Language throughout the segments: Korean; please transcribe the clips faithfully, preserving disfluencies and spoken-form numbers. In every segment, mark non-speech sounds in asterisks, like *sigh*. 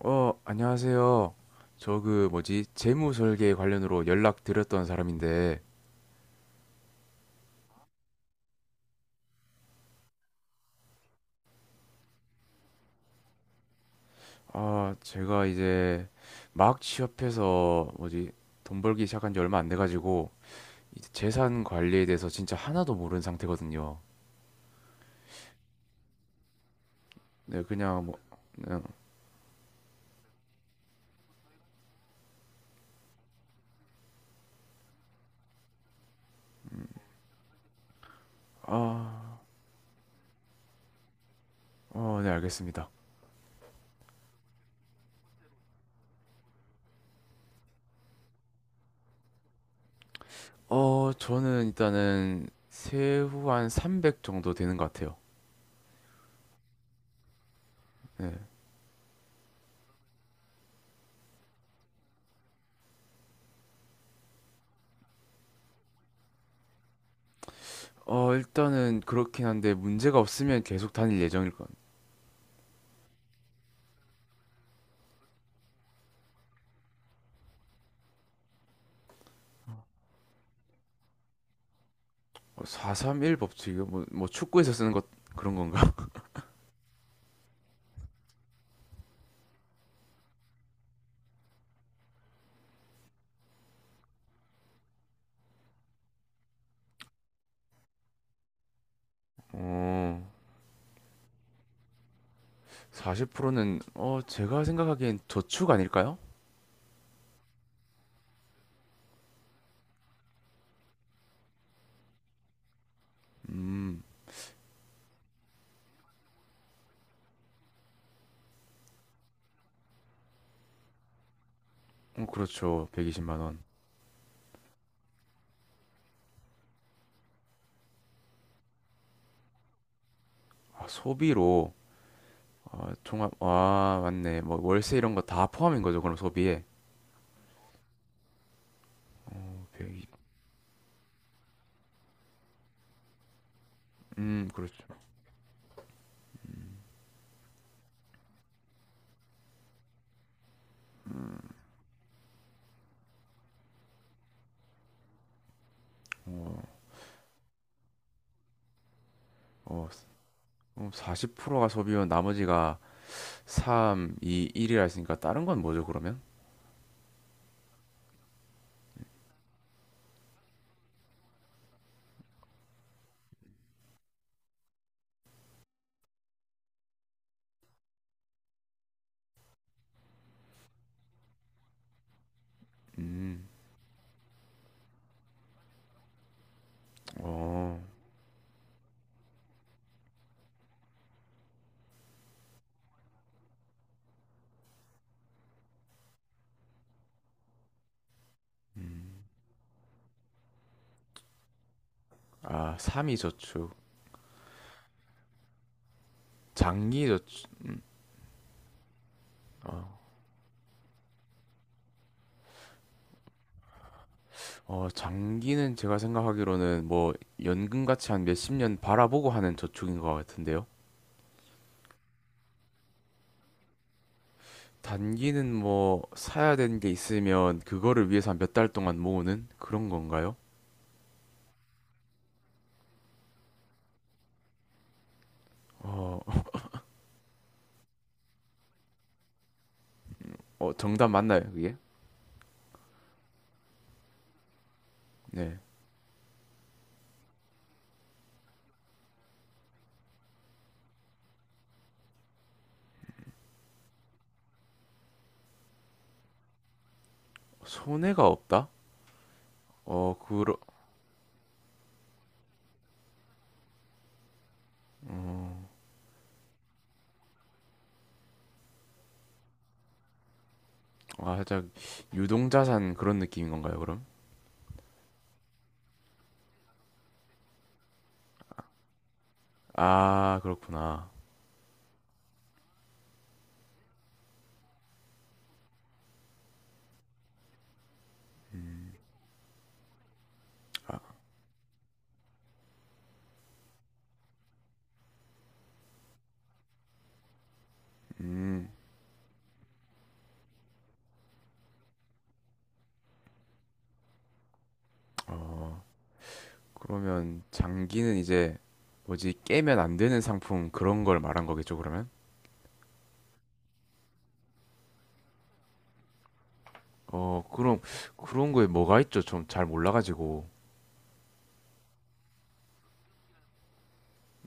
어, 안녕하세요. 저 그 뭐지? 재무 설계 관련으로 연락드렸던 사람인데, 아, 제가 이제 막 취업해서 뭐지? 돈 벌기 시작한 지 얼마 안 돼가지고, 이제 재산 관리에 대해서 진짜 하나도 모르는 상태거든요. 네, 그냥 뭐, 그냥, 아, 어, 네, 알겠습니다. 어, 저는 일단은 세후 한 삼백 정도 되는 것 같아요. 네. 어, 일단은 그렇긴 한데 문제가 없으면 계속 다닐 예정일 것. 사 삼 일 법칙 이거 뭐, 뭐 축구에서 쓰는 것 그런 건가? *laughs* 어, 사십 프로는 어 제가 생각하기엔 저축 아닐까요? 음, 어, 그렇죠. 백이십만 원. 아, 소비로. 아, 종합 아 맞네. 뭐 월세 이런 거 다 포함인 거죠, 그럼 소비에. 어, 백이십. 음, 그렇죠. 어, 어, 어, 사십 퍼센트가 소비면 나머지가 삼, 이, 일이라 했으니까 다른 건 뭐죠, 그러면? 음, 어, 음, 아, 삼이 저축, 장기 저축, 아, 어, 어, 장기는 제가 생각하기로는 뭐 연금같이 한 몇십 년 바라보고 하는 저축인 것 같은데요. 단기는 뭐 사야 되는 게 있으면 그거를 위해서 한 몇 달 동안 모으는 그런 건가요? 어, *laughs* 어, 정답 맞나요, 그게? 네. 손해가 없다? 어, 그러, 아, 살짝 유동자산 그런 느낌인 건가요, 그럼? 아, 그렇구나. 음, 어, 그러면 장기는 이제 뭐지, 깨면 안 되는 상품 그런 걸 말한 거겠죠, 그러면? 어, 그럼 그런 거에 뭐가 있죠? 좀 잘 몰라가지고.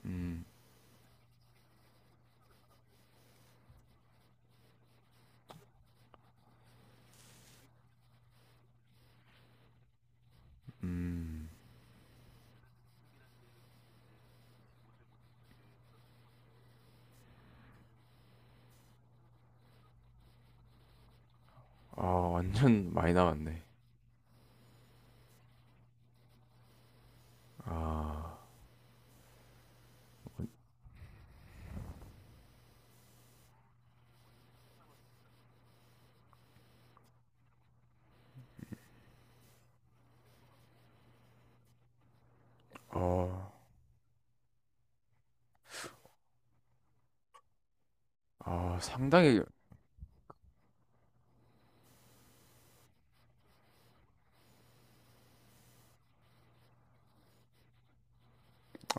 음, 음. 아, 완전 *laughs* 많이 남았네. 아, 어, 아, 상당히,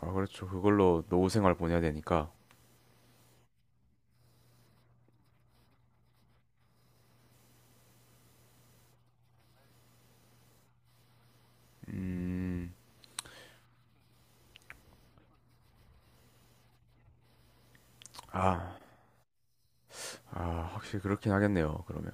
아, 그렇죠. 그걸로 노후 생활 보내야 되니까. 음, 아, 아, 확실히 그렇긴 하겠네요, 그러면.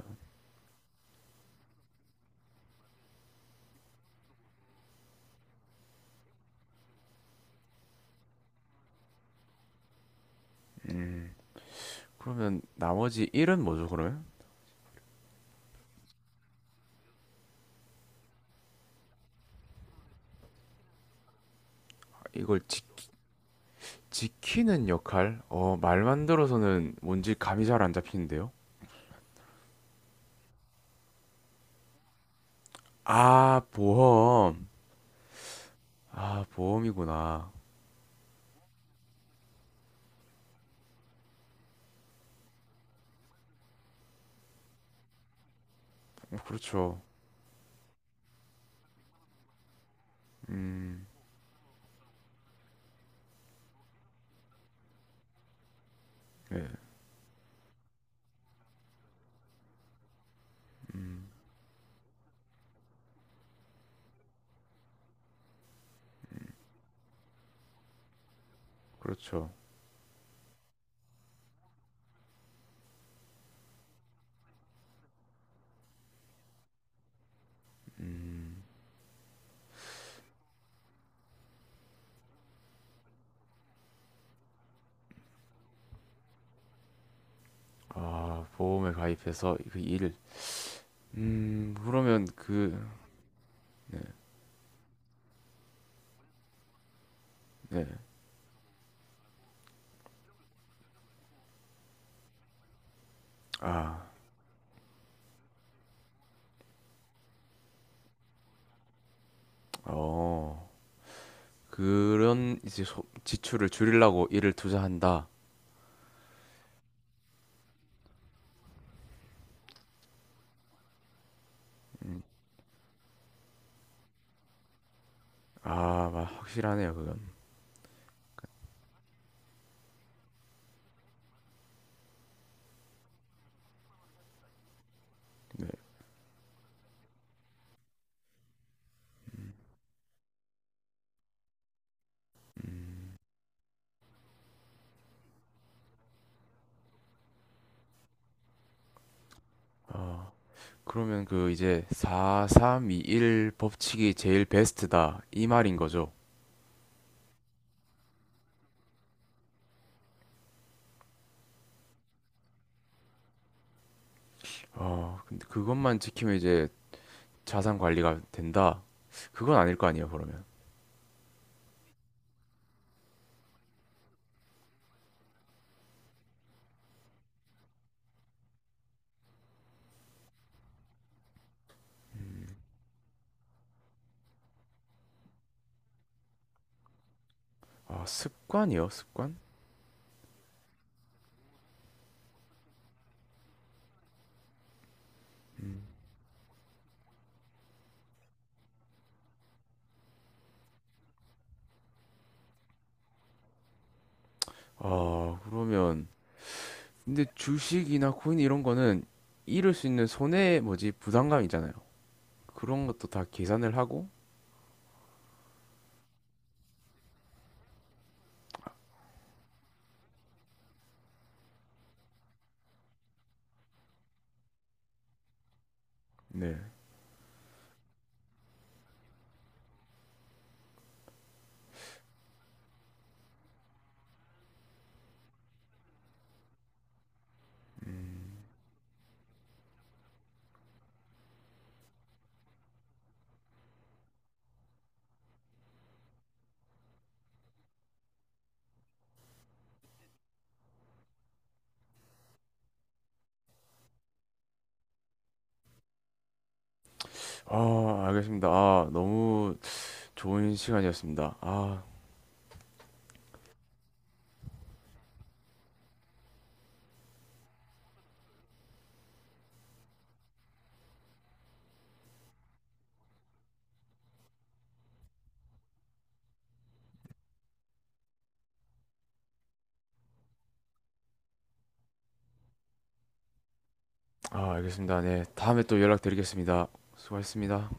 그러면 나머지 일은 뭐죠, 그러면? 이걸 지, 지키는 역할? 어, 말만 들어서는 뭔지 감이 잘 안 잡히는데요? 아, 보험. 아, 보험이구나. 어, 그렇죠. 음, 네. 음, 그렇죠. 음, 아, 보험에 가입해서 그 일. 음, 그러면 그, 네. 아, 어, 그런 이제 소- 지출을 줄이려고 일을 투자한다. 아, 마- 확실하네요, 그건. 네. 음, 아, 그러면 그 이제 사 삼 이 일 법칙이 제일 베스트다, 이 말인 거죠. 아, 근데 그것만 지키면 이제 자산 관리가 된다. 그건 아닐 거 아니에요, 그러면. 아, 습관이요? 습관? 아, 그러면 근데 주식이나 코인 이런 거는 잃을 수 있는 손해 뭐지 부담감 있잖아요. 그런 것도 다 계산을 하고. 네. 아, 알겠습니다. 아, 너무 좋은 시간이었습니다. 아, 아, 알겠습니다. 네, 다음에 또 연락드리겠습니다. 수고하셨습니다.